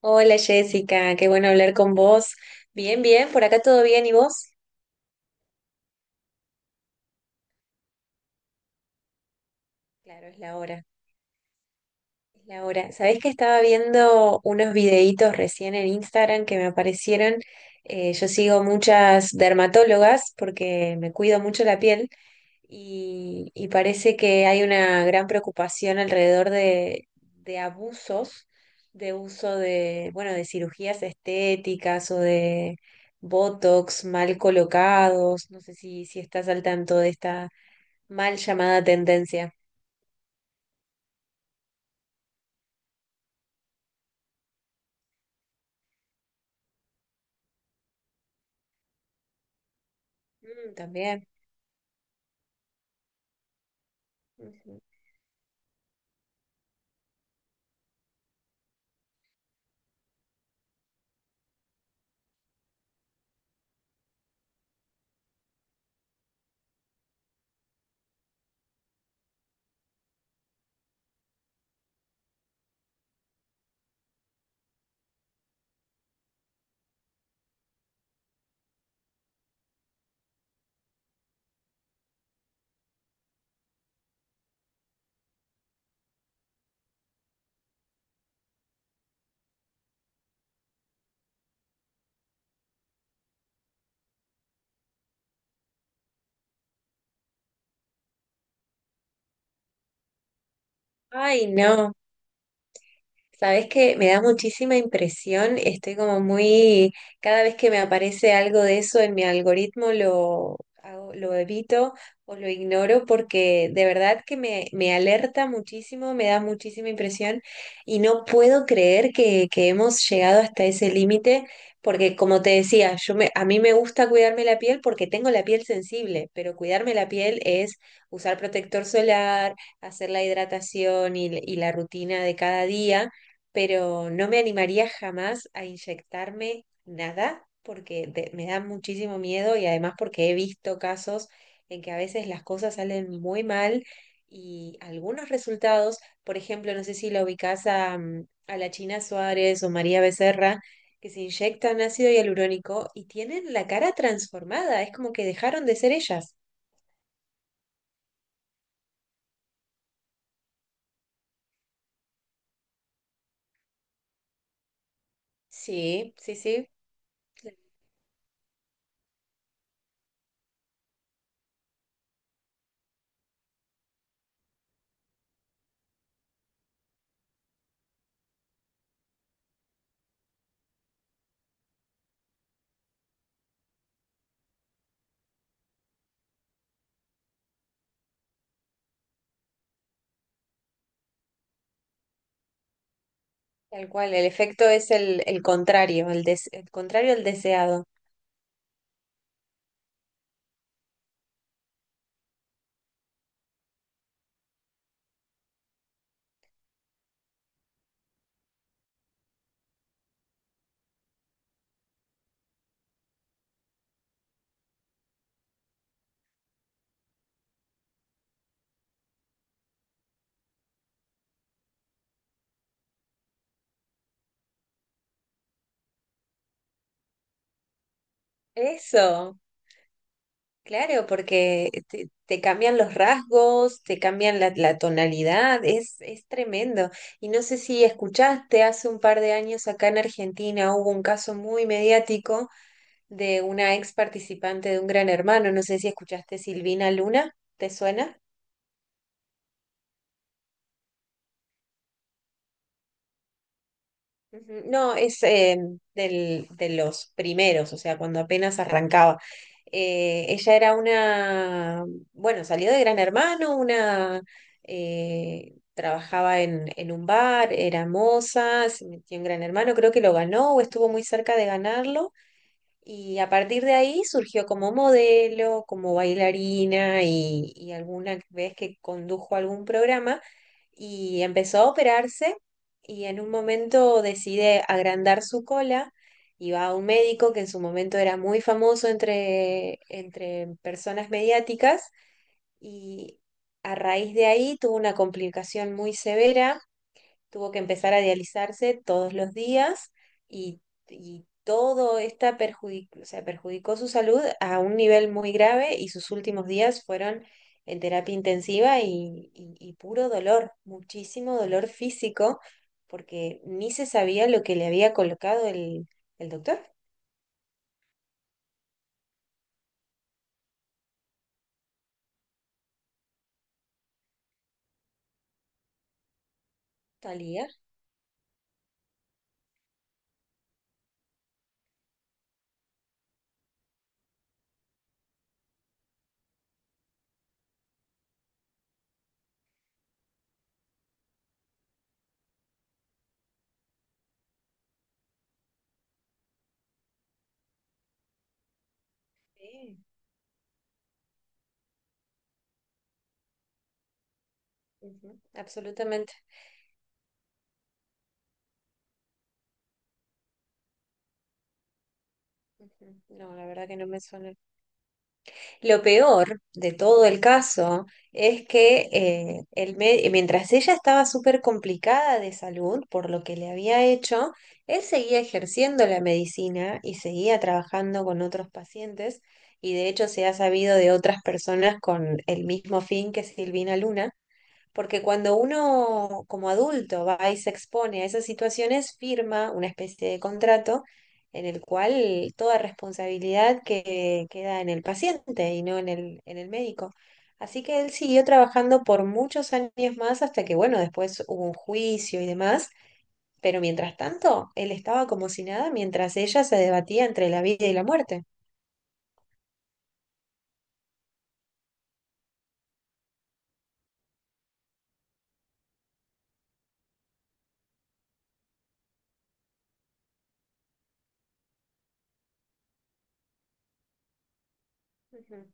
Hola Jessica, qué bueno hablar con vos. Bien, bien, por acá todo bien, ¿y vos? Claro, es la hora. Laura, ¿sabés que estaba viendo unos videitos recién en Instagram que me aparecieron? Yo sigo muchas dermatólogas porque me cuido mucho la piel y parece que hay una gran preocupación alrededor de abusos de uso de, bueno, de cirugías estéticas o de botox mal colocados. No sé si estás al tanto de esta mal llamada tendencia. Mm, también. Ujú. Ay, no. Sabes que me da muchísima impresión, estoy como muy, cada vez que me aparece algo de eso en mi algoritmo lo evito o lo ignoro porque de verdad que me alerta muchísimo, me da muchísima impresión y no puedo creer que hemos llegado hasta ese límite porque como te decía, a mí me gusta cuidarme la piel porque tengo la piel sensible, pero cuidarme la piel es usar protector solar, hacer la hidratación y la rutina de cada día, pero no me animaría jamás a inyectarme nada porque me da muchísimo miedo y además porque he visto casos en que a veces las cosas salen muy mal y algunos resultados, por ejemplo, no sé si la ubicás a la China Suárez o María Becerra, que se inyectan ácido hialurónico y tienen la cara transformada, es como que dejaron de ser ellas. Sí, sí, sí, tal cual, el efecto es el contrario, el contrario al deseado. Eso, claro, porque te cambian los rasgos, te cambian la tonalidad, es tremendo. Y no sé si escuchaste, hace un par de años acá en Argentina hubo un caso muy mediático de una ex participante de un Gran Hermano, no sé si escuchaste Silvina Luna, ¿te suena? Ujú. No, es de los primeros, o sea, cuando apenas arrancaba. Ella era una, bueno, salió de Gran Hermano, trabajaba en un bar, era moza, se metió en Gran Hermano, creo que lo ganó o estuvo muy cerca de ganarlo. Y a partir de ahí surgió como modelo, como bailarina y alguna vez que condujo algún programa y empezó a operarse y en un momento decide agrandar su cola y va a un médico que en su momento era muy famoso entre personas mediáticas y a raíz de ahí tuvo una complicación muy severa, tuvo que empezar a dializarse todos los días y, y todo esta perjudicó, o sea, perjudicó su salud a un nivel muy grave y sus últimos días fueron en terapia intensiva y puro dolor, muchísimo dolor físico, porque ni se sabía lo que le había colocado el doctor. Talía. Sí. Ujú. Absolutamente. Ujú. No, la verdad que no me suena. Lo peor de todo el caso es que mientras ella estaba súper complicada de salud por lo que le había hecho, él seguía ejerciendo la medicina y seguía trabajando con otros pacientes y de hecho se ha sabido de otras personas con el mismo fin que Silvina Luna. Porque cuando uno como adulto va y se expone a esas situaciones, firma una especie de contrato en el cual toda responsabilidad que queda en el paciente y no en el médico. Así que él siguió trabajando por muchos años más hasta que, bueno, después hubo un juicio y demás, pero mientras tanto, él estaba como si nada mientras ella se debatía entre la vida y la muerte. Ujú.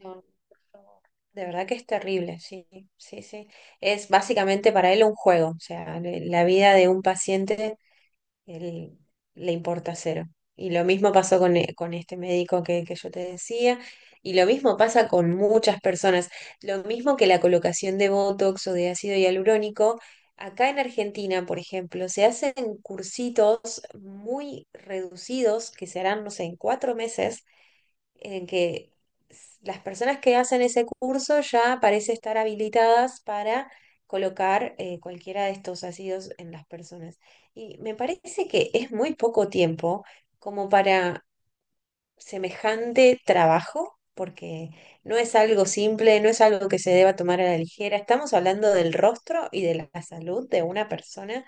No, por favor. De verdad que es terrible, sí, sí, sí. Es básicamente para él un juego, o sea, la vida de un paciente él, le importa cero. Y lo mismo pasó con este médico que yo te decía, y lo mismo pasa con muchas personas. Lo mismo que la colocación de Botox o de ácido hialurónico, acá en Argentina, por ejemplo, se hacen cursitos muy reducidos que se harán, no sé, en 4 meses en que las personas que hacen ese curso ya parece estar habilitadas para colocar cualquiera de estos ácidos en las personas. Y me parece que es muy poco tiempo como para semejante trabajo, porque no es algo simple, no es algo que se deba tomar a la ligera. Estamos hablando del rostro y de la salud de una persona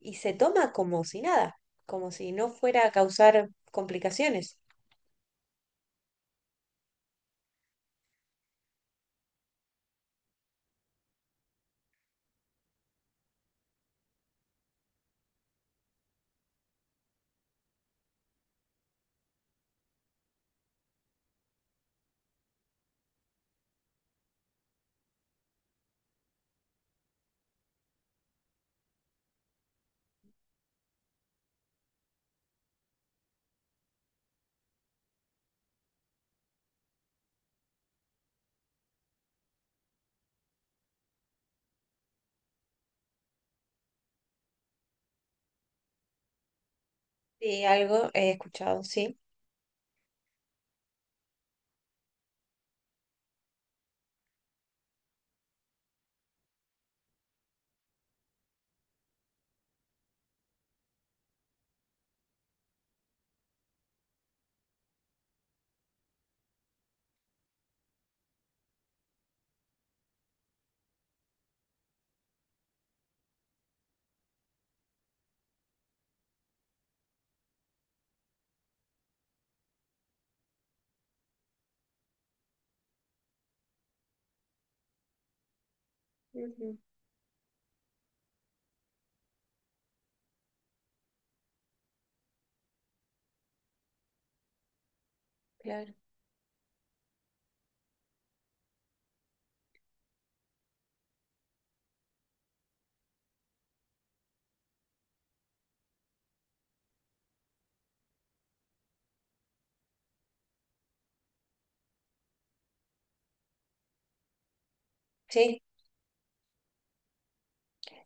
y se toma como si nada, como si no fuera a causar complicaciones. Sí, algo he escuchado, sí. Ujú. Claro. Sí,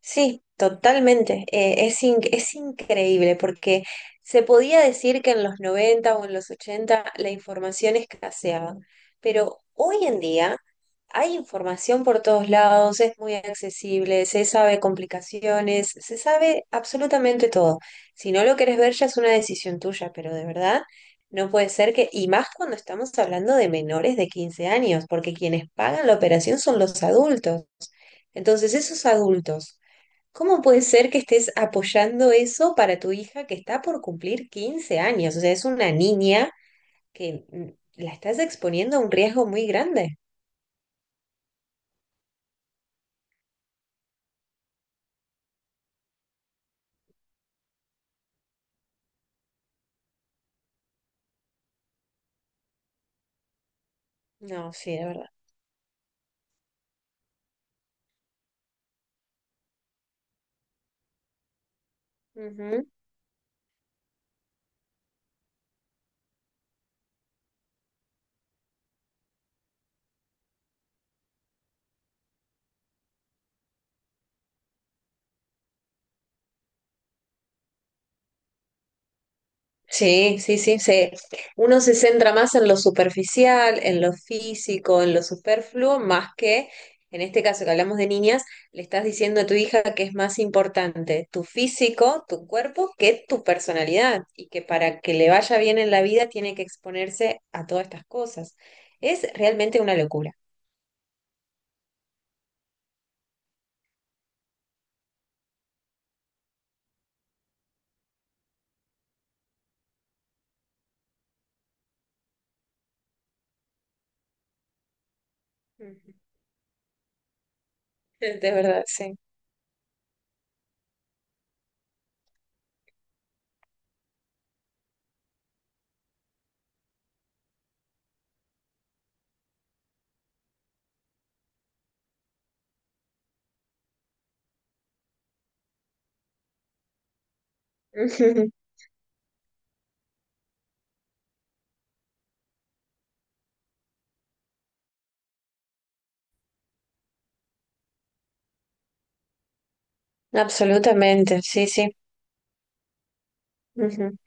sí, totalmente. Es increíble porque se podía decir que en los 90 o en los 80 la información escaseaba, pero hoy en día hay información por todos lados, es muy accesible, se sabe complicaciones, se sabe absolutamente todo. Si no lo querés ver ya es una decisión tuya, pero de verdad no puede ser que, y más cuando estamos hablando de menores de 15 años, porque quienes pagan la operación son los adultos. Entonces, esos adultos, ¿cómo puede ser que estés apoyando eso para tu hija que está por cumplir 15 años? O sea, es una niña que la estás exponiendo a un riesgo muy grande. No, sí, de verdad. Sí, sí, sí, se. Uno se centra más en lo superficial, en lo físico, en lo superfluo, más que, en este caso que hablamos de niñas, le estás diciendo a tu hija que es más importante tu físico, tu cuerpo, que tu personalidad, y que para que le vaya bien en la vida tiene que exponerse a todas estas cosas. Es realmente una locura. Ujú. De verdad, sí. Ujú. Absolutamente, sí, sí. Ujú.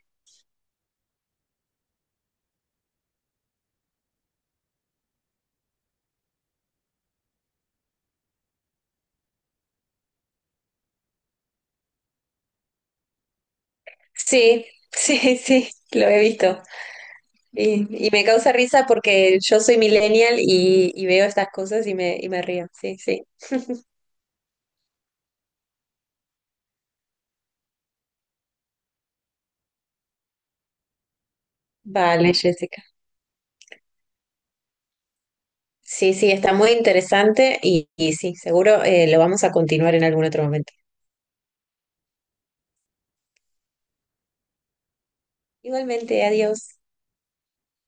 Sí, sí, sí, lo he visto. Y me causa risa porque yo soy millennial y veo estas cosas y me río. Sí, sí. Vale, Jessica. Sí, sí, está muy interesante y sí, seguro lo vamos a continuar en algún otro momento. Igualmente, adiós.